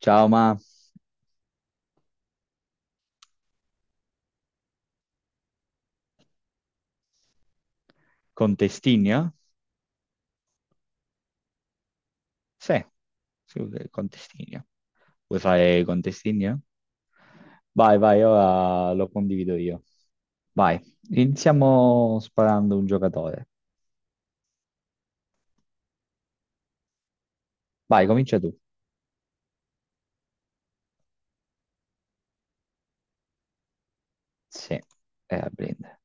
Ciao, ma con Testigna? Sì, sì, con Testigna. Vuoi fare con Testigna? Vai, ora lo condivido io. Vai, iniziamo sparando un giocatore. Vai, comincia tu. Sì, era Blind.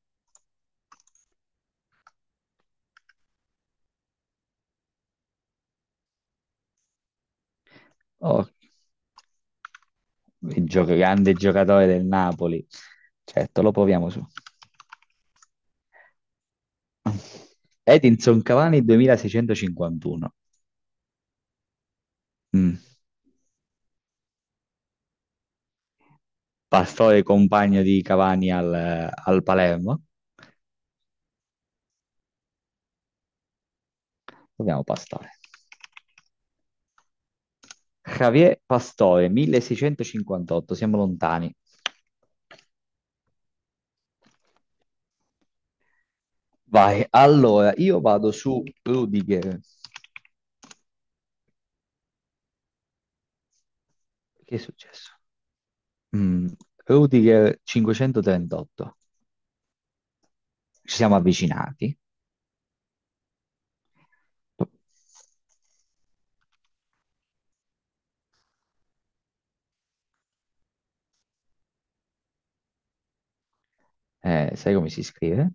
Oh, grande giocatore del Napoli. Certo, lo proviamo su. Edinson Cavani 2651. Mm. Pastore compagno di Cavani al Palermo. Dobbiamo pastare. Javier Pastore, 1658, siamo lontani. Vai, allora, io vado su Rudiger. Che è successo? Mm, Rudiger 538. Ci siamo avvicinati. Sai come si scrive?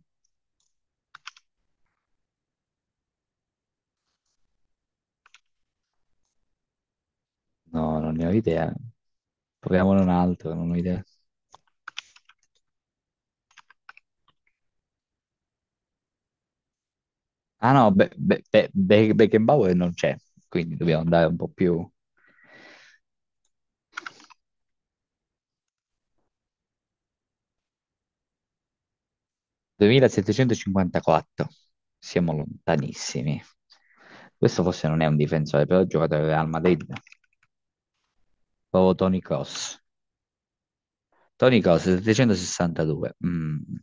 No, non ne ho idea. Proviamone un altro, non ho idea. Ah no, Beckenbauer non c'è, quindi dobbiamo andare un po' più... 2754. Siamo lontanissimi. Questo forse non è un difensore, però è un giocatore del Real Madrid. Proprio Toni Kroos. Toni Kroos, 762. Mm.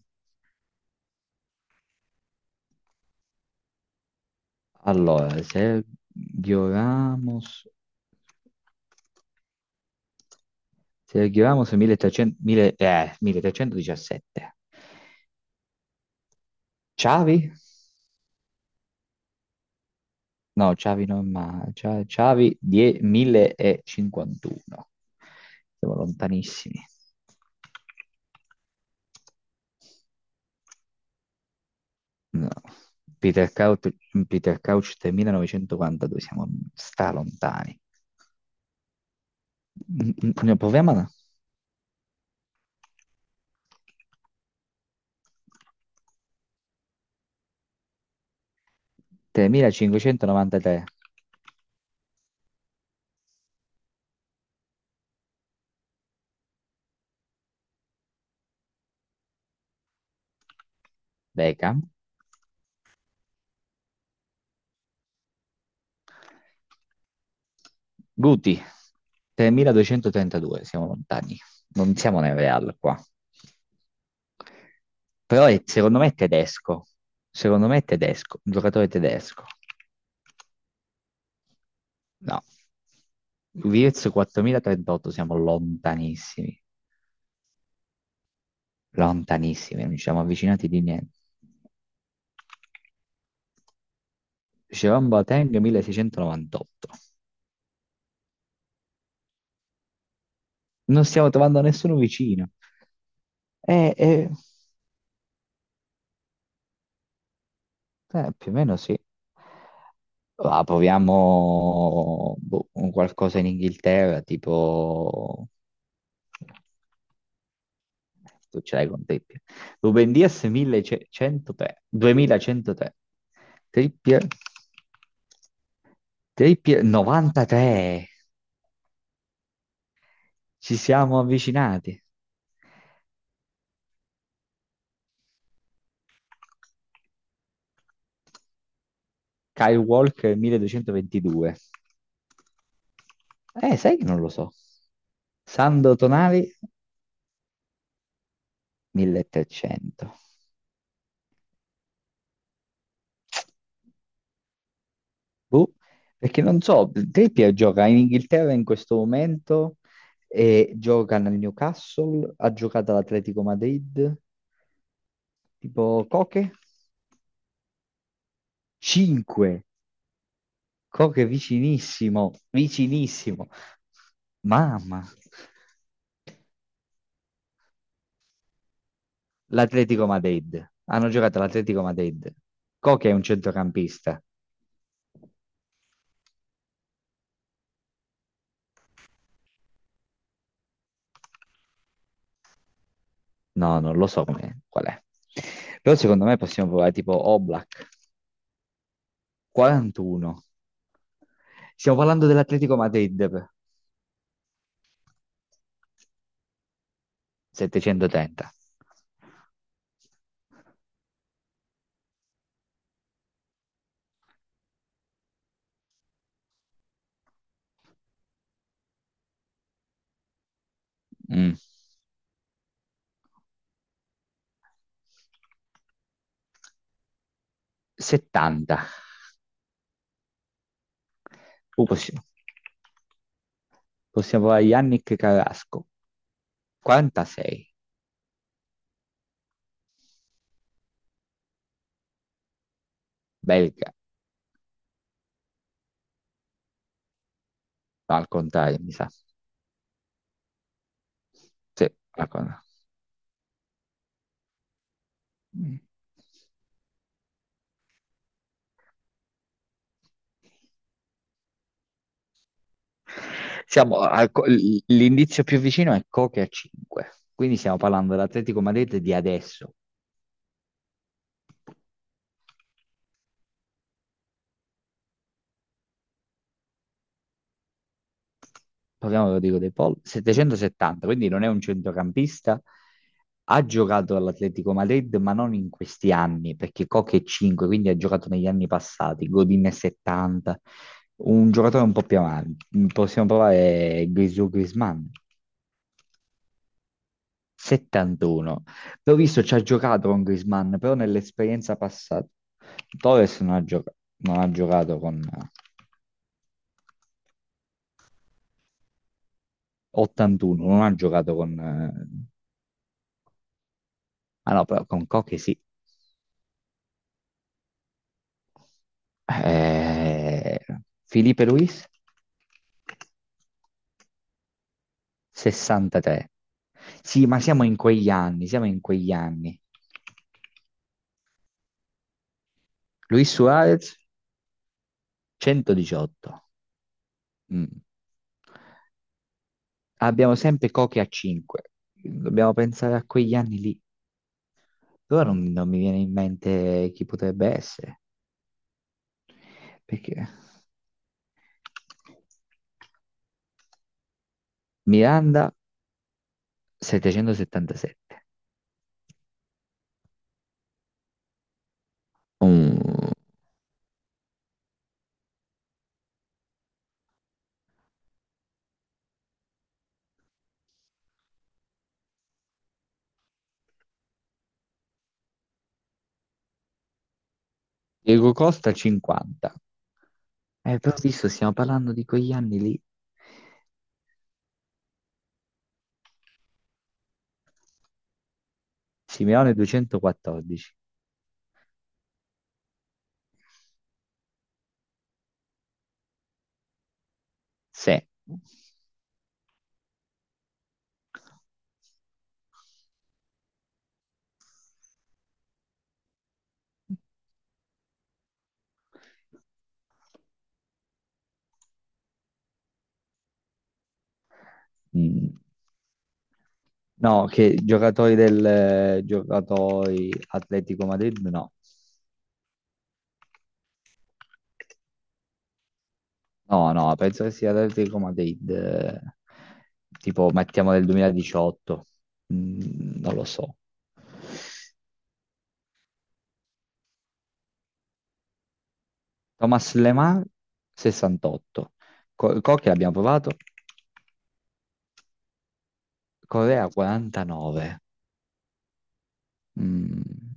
Allora, Sergio Ramos... Sergio Ramos 1300, 1000 1317. Xavi? No, Xavi non ma Xavi 1051. Siamo lontanissimi. No. Peter Couch, Peter Couch 3942, sta lontani. Mm, Proviamo a 3593. Beckham. Guti, 3232, siamo lontani. Non siamo nel Real qua. Secondo me è tedesco. Secondo me è tedesco, un giocatore tedesco. No. Wirtz 4038, siamo lontanissimi. Lontanissimi, non ci siamo avvicinati di niente. Dicevamo Boateng 1698. Non stiamo trovando nessuno vicino. Eh, eh, più o meno sì. Ah, proviamo boh, un qualcosa in Inghilterra, tipo... Tu ce l'hai con Trippier. Ruben Dias 1103. 2103. Trippier. Trippier 93. Ci siamo avvicinati. Kyle Walker 1222. Sai che non lo so. Sandro Tonali 1300. Boh, perché non so, Trippier gioca in Inghilterra in questo momento e gioca nel Newcastle, ha giocato all'Atletico Madrid, tipo Coche 5. Coche vicinissimo, vicinissimo. Mamma, l'Atletico Madrid. Hanno giocato all'Atletico Madrid. Coque è un centrocampista. No, non lo so come, qual è. Però secondo me possiamo provare tipo Oblak, 41. Stiamo parlando dell'Atletico Madrid, per 730. Mm, 70. Uh, possiamo, possiamo provare Yannick Carrasco, 46. Belga, no, al contrario, mi sa. Sì, al contrario. Mm. Siamo al co- l- l'indizio più vicino è Coque a 5. Quindi stiamo parlando dell'Atletico Madrid di adesso. Parliamo dico, dei Paul, 770, quindi non è un centrocampista. Ha giocato all'Atletico Madrid, ma non in questi anni, perché Koch è 5, quindi ha giocato negli anni passati, Godin è 70, un giocatore un po' più avanti. Possiamo provare Grisù Griezmann, 71. L'ho visto, ci ha giocato con Griezmann, però nell'esperienza passata. Torres non ha giocato con 81, non ha giocato con... ah no, però con Koch sì. Eh, Felipe Luis, 63. Sì, ma siamo in quegli anni, siamo in quegli anni. Luis Suarez, 118. Mm. Abbiamo sempre Koke a 5. Dobbiamo pensare a quegli anni lì. Però non mi viene in mente chi potrebbe essere. Perché Miranda, 777. Mm. Diego Costa, 50. Però visto, stiamo parlando di quegli anni lì. Simeone 214. Sì. Mm. No, che giocatori del giocatori Atletico Madrid? No. No, no, penso che sia Atletico Madrid. Eh, tipo, mettiamo del 2018. Mm, non lo so. Thomas Lemar 68. Cocchi l'abbiamo provato. Correa 49. Mm.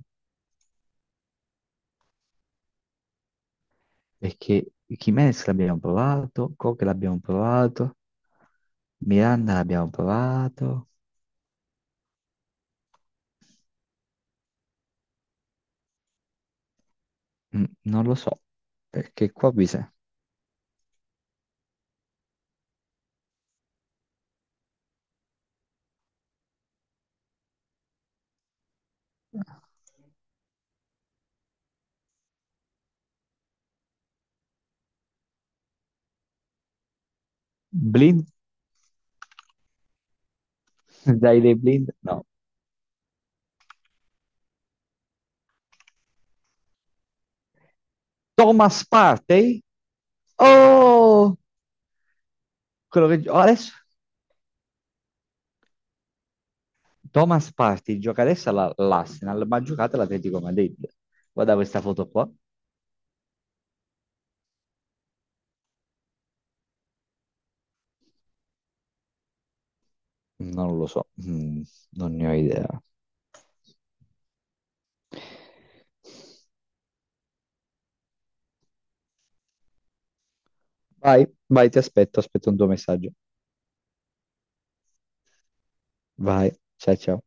Perché Jimenez l'abbiamo provato, Koch l'abbiamo provato, Miranda l'abbiamo provato. Mm, non lo so, perché qua bisogna... Blind? Dai dei blind? No. Thomas Partey? Oh! Adesso... Thomas Partey gioca adesso all'Arsenal, ma ha giocato all'Atletico Madrid. Guarda questa foto qua. Non lo so, mm, non ne ho idea. Vai, ti aspetto, aspetto un tuo messaggio. Vai, ciao ciao.